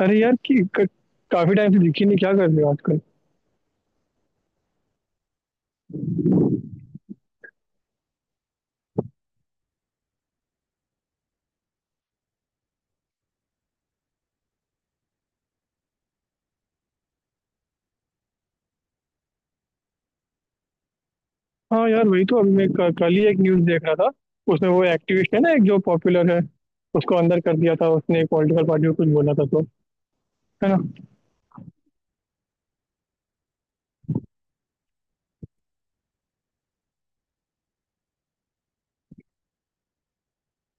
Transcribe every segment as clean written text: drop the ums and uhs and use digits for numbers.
अरे यार काफी टाइम से दिखी नहीं, क्या कर रहे हो आजकल। हाँ यार, वही तो। अभी कल ही एक न्यूज देख रहा था। उसमें वो एक्टिविस्ट है ना, एक जो पॉपुलर है। उसको अंदर कर दिया था, उसने एक पॉलिटिकल पार्टी को कुछ बोला था तो। है ना।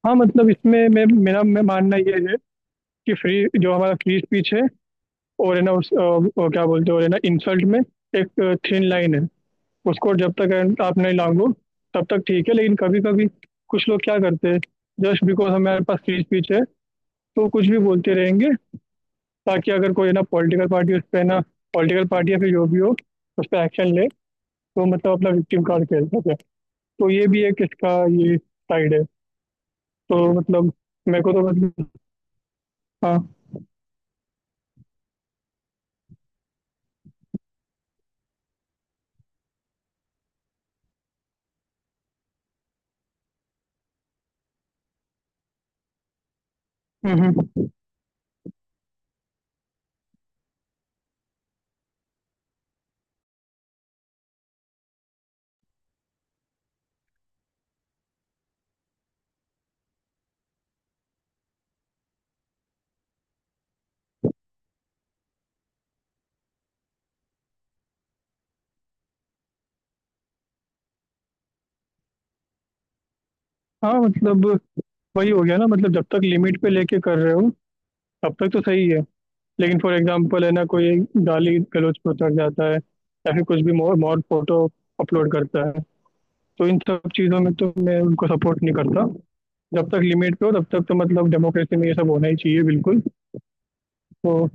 हाँ मतलब, इसमें मैं मानना ये है कि फ्री, जो हमारा फ्री स्पीच है और है ना, वो क्या बोलते हैं, और है ना, इंसल्ट में एक थिन लाइन है। उसको जब तक आप नहीं लांघो, तब तक ठीक है। लेकिन कभी कभी कुछ लोग क्या करते हैं, जस्ट बिकॉज हमारे पास फ्री स्पीच है तो कुछ भी बोलते रहेंगे, ताकि अगर कोई ना पॉलिटिकल पार्टी उस पर ना, पॉलिटिकल पार्टी या फिर जो भी हो उस पर एक्शन ले, तो मतलब अपना विक्टिम कार्ड खेल सके। तो ये भी एक इसका, ये साइड है। तो मतलब, मेरे को तो मतलब। हाँ। हम्म हम्म, हाँ मतलब, वही हो गया ना। मतलब जब तक लिमिट पे लेके कर रहे हो, तब तक तो सही है। लेकिन फॉर एग्जांपल है ना, कोई गाली गलौज पे उतर जाता है या फिर कुछ भी मोर मोर फोटो अपलोड करता है, तो इन सब चीज़ों में तो मैं उनको सपोर्ट नहीं करता। जब तक लिमिट पे हो तब तक तो मतलब डेमोक्रेसी में ये सब होना ही चाहिए बिल्कुल। तो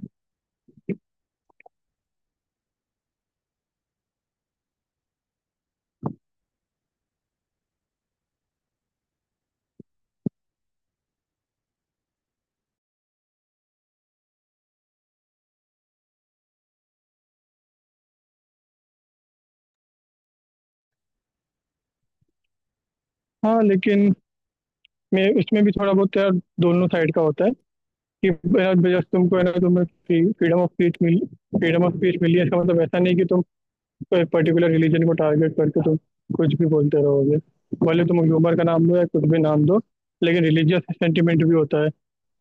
हाँ, लेकिन मैं उसमें भी थोड़ा बहुत यार, दोनों साइड का होता है कि यार जब तुमको है ना, तुम्हें फ्रीडम ऑफ स्पीच मिली, फ्रीडम ऑफ स्पीच मिली है इसका मतलब ऐसा नहीं कि तुम कोई पर्टिकुलर रिलीजन को टारगेट करके तुम कुछ भी बोलते रहोगे। भले तुम ह्यूमर का नाम दो या कुछ भी नाम दो, लेकिन रिलीजियस सेंटिमेंट भी होता है।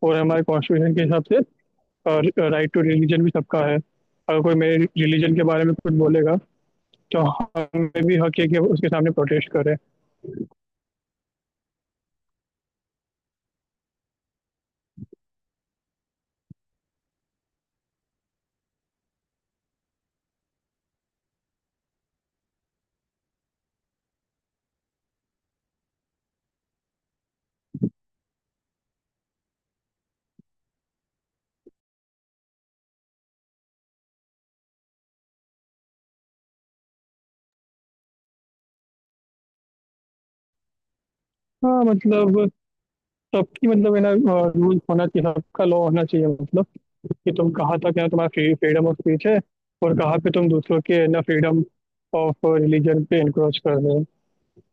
और हमारे कॉन्स्टिट्यूशन के हिसाब से राइट टू रिलीजन भी सबका है। अगर कोई मेरे रिलीजन के बारे में कुछ बोलेगा तो हमें भी हक है कि उसके सामने प्रोटेस्ट करें। हाँ मतलब, सबकी मतलब है ना, रूल होना चाहिए, सबका लॉ होना चाहिए। मतलब कि तुम कहाँ तक है ना तुम्हारा फ्रीडम ऑफ स्पीच है, और कहाँ पे तुम दूसरों के ना फ्रीडम ऑफ रिलीजन पे इनक्रोच कर रहे हो।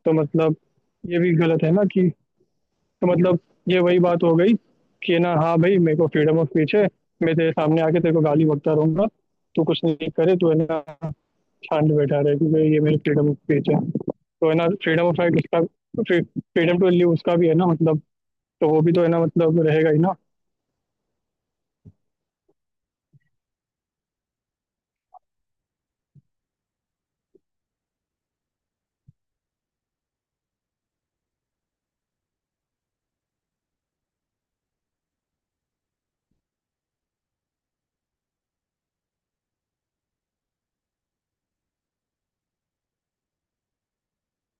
तो मतलब ये भी गलत है ना कि। तो मतलब ये वही बात हो गई कि ना, हाँ भाई मेरे को फ्रीडम ऑफ स्पीच है, मैं तेरे सामने आके तेरे को गाली बकता रहूंगा, तू कुछ नहीं करे तो है ना, शांत बैठा रहे क्योंकि ये मेरी फ्रीडम ऑफ स्पीच है। तो है ना फ्रीडम ऑफ राइट उसका, फ्रीडम टू लिव उसका भी है ना मतलब, तो वो भी तो है ना मतलब रहेगा ही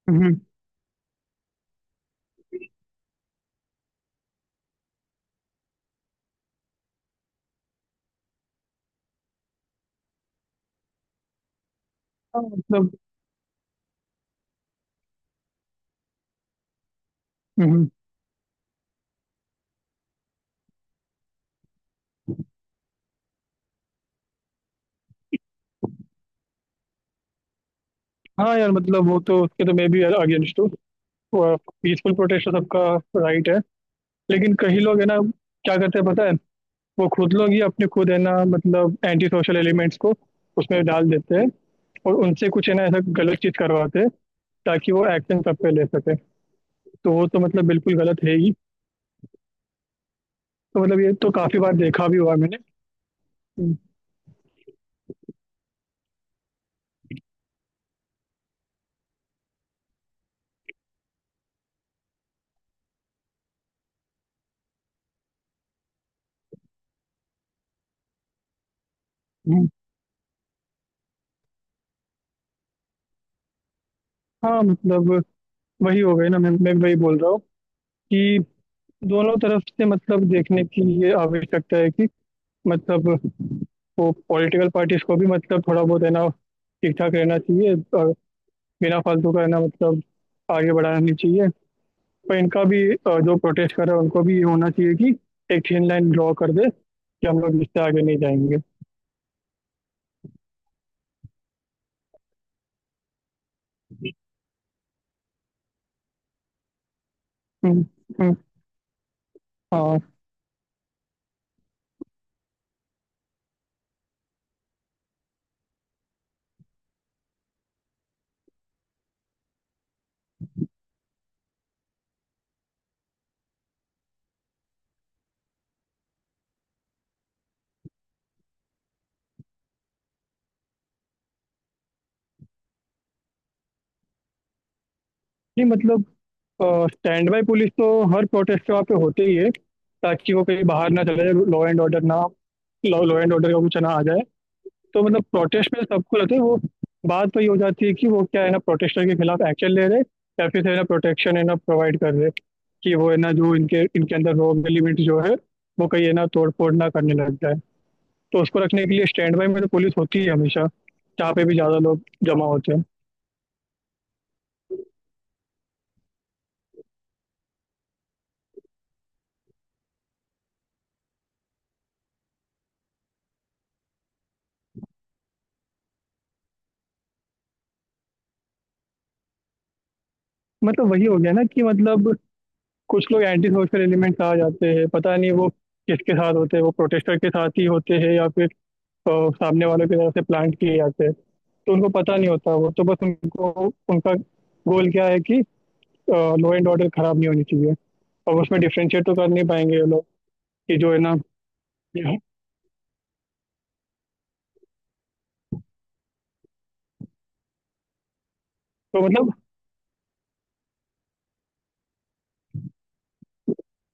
ना। हाँ मतलब। हम्म। हाँ यार मतलब, वो तो उसके तो मैं भी अगेंस्ट हूँ। पीसफुल प्रोटेस्ट तो सबका राइट है। लेकिन कई लोग है ना क्या करते हैं पता है, वो खुद लोग ही अपने खुद है ना, मतलब एंटी सोशल एलिमेंट्स को उसमें डाल देते हैं, और उनसे कुछ है ना ऐसा गलत चीज करवाते हैं, ताकि वो एक्शन सब पे ले सके। तो वो तो मतलब बिल्कुल गलत है ही। तो मतलब ये तो काफी बार देखा भी हुआ है मैंने। हम्म। हम्म, हाँ मतलब वही हो गई ना। मैं वही बोल रहा हूँ कि दोनों तरफ से मतलब देखने की ये आवश्यकता है कि, मतलब वो पॉलिटिकल पार्टीज को भी मतलब थोड़ा बहुत है ना ठीक ठाक रहना चाहिए, और बिना फालतू का है ना मतलब आगे बढ़ाना नहीं चाहिए। पर इनका भी जो प्रोटेस्ट कर रहे हैं उनको भी ये होना चाहिए कि एक थिन लाइन ड्रॉ कर दे कि हम लोग इससे आगे नहीं जाएंगे। हम्म, हम्म। हाँ। नहीं मतलब, स्टैंड बाय पुलिस तो हर प्रोटेस्ट के वहाँ पे होते ही है, ताकि वो कहीं बाहर ना चले जाए, लॉ एंड ऑर्डर का कुछ ना आ जाए। तो मतलब प्रोटेस्ट में सबको रहते हैं वो। बात वही हो जाती है कि वो क्या है ना, प्रोटेस्टर के खिलाफ एक्शन ले रहे हैं, या फिर है ना प्रोटेक्शन है ना प्रोवाइड कर रहे हैं, कि वो है ना, जो इनके इनके अंदर रॉ एलिमेंट जो है, वो कहीं है ना तोड़फोड़ ना करने लग जाए। तो उसको रखने के लिए स्टैंड बाय में तो पुलिस होती है हमेशा, जहाँ पे भी ज्यादा लोग जमा होते हैं। मतलब वही हो गया ना कि मतलब, कुछ लोग एंटी सोशल एलिमेंट्स आ जाते हैं, पता नहीं वो किसके साथ होते हैं, वो प्रोटेस्टर के साथ ही होते हैं या फिर तो सामने वालों की तरफ से प्लांट किए जाते हैं। तो उनको पता नहीं होता, वो तो बस उनको, उनका गोल क्या है कि लॉ एंड ऑर्डर खराब नहीं होनी चाहिए। और उसमें डिफ्रेंशिएट तो कर नहीं पाएंगे ये लोग कि जो है ना, यहाँ- तो मतलब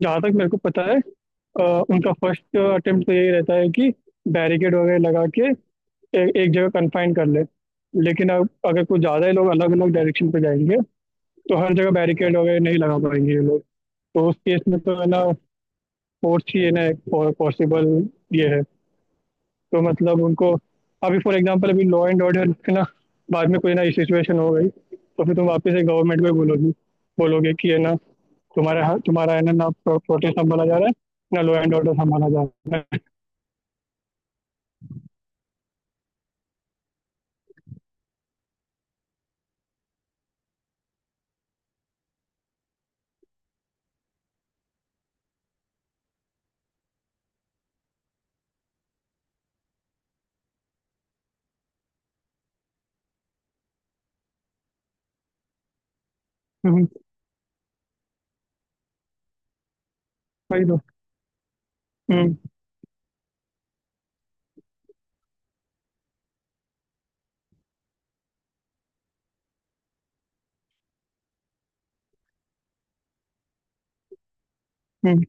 जहाँ तक मेरे को पता है, अ, उनका फर्स्ट अटेम्प्ट तो यही रहता है कि बैरिकेड वगैरह लगा के, एक जगह कन्फाइन कर ले। लेकिन अब अगर कुछ ज़्यादा ही लोग अलग अलग डायरेक्शन पे जाएंगे, तो हर जगह बैरिकेड वगैरह नहीं लगा पाएंगे ये लोग। तो उस केस में तो है ना फोर्स ही है ना पॉसिबल ये है। तो मतलब उनको, अभी फॉर एग्जांपल अभी लॉ एंड ऑर्डर के ना बाद में कोई ना सिचुएशन हो गई, तो फिर तुम वापस से गवर्नमेंट को ही बोलोगी बोलोगे कि है ना तुम्हारा, तुम्हारा है ना ना प्रोटेस्ट संभाला जा रहा है ना, लॉ एंड ऑर्डर संभाला जा रहा है। हम्म। वही तो। हम्म, हम्म,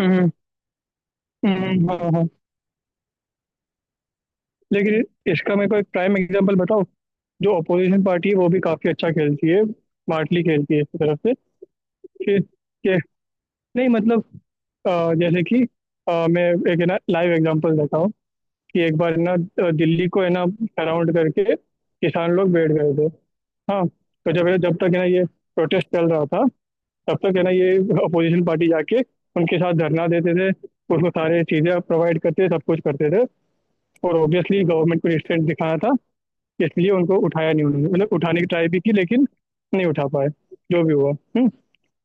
हम्म, हम्म। हाँ हाँ। लेकिन इसका मेरे को एक प्राइम एग्जांपल बताओ। जो अपोजिशन पार्टी है वो भी काफी अच्छा खेलती है, स्मार्टली खेलती है इस तरफ से कि, कि- नहीं मतलब जैसे कि, मैं एक है ना लाइव एग्जांपल देता हूँ कि, एक बार ना दिल्ली को है ना सराउंड करके किसान लोग बैठ गए थे। हाँ तो जब जब तक है ना ये प्रोटेस्ट चल रहा था, तब तक है ना ये अपोजिशन पार्टी जाके उनके साथ धरना देते थे, उसको सारे चीजें प्रोवाइड करते थे, सब कुछ करते थे। और ऑब्वियसली गवर्नमेंट को रिस्ट्रेंट दिखाना था, इसलिए उनको उठाया नहीं, उन्होंने मतलब उठाने की ट्राई भी की लेकिन नहीं उठा पाए, जो भी हुआ। हुँ?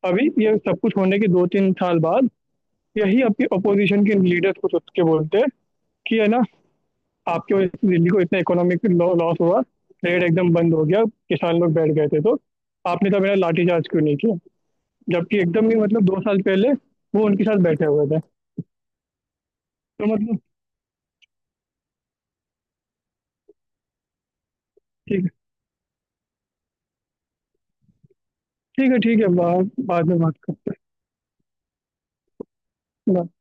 अभी ये सब कुछ होने के 2 3 साल बाद, यही आपके अपोजिशन के लीडर्स कुछ उठ के बोलते हैं कि है ना, आपकी वजह से दिल्ली को इतना इकोनॉमिक लॉस हुआ, ट्रेड एकदम बंद हो गया, किसान लोग बैठ गए थे तो आपने तो मेरा लाठीचार्ज क्यों नहीं किया, जबकि एकदम ही मतलब 2 साल पहले वो उनके साथ बैठे हुए थे। तो मतलब, ठीक है ठीक है, ठीक है बाद में बात कर।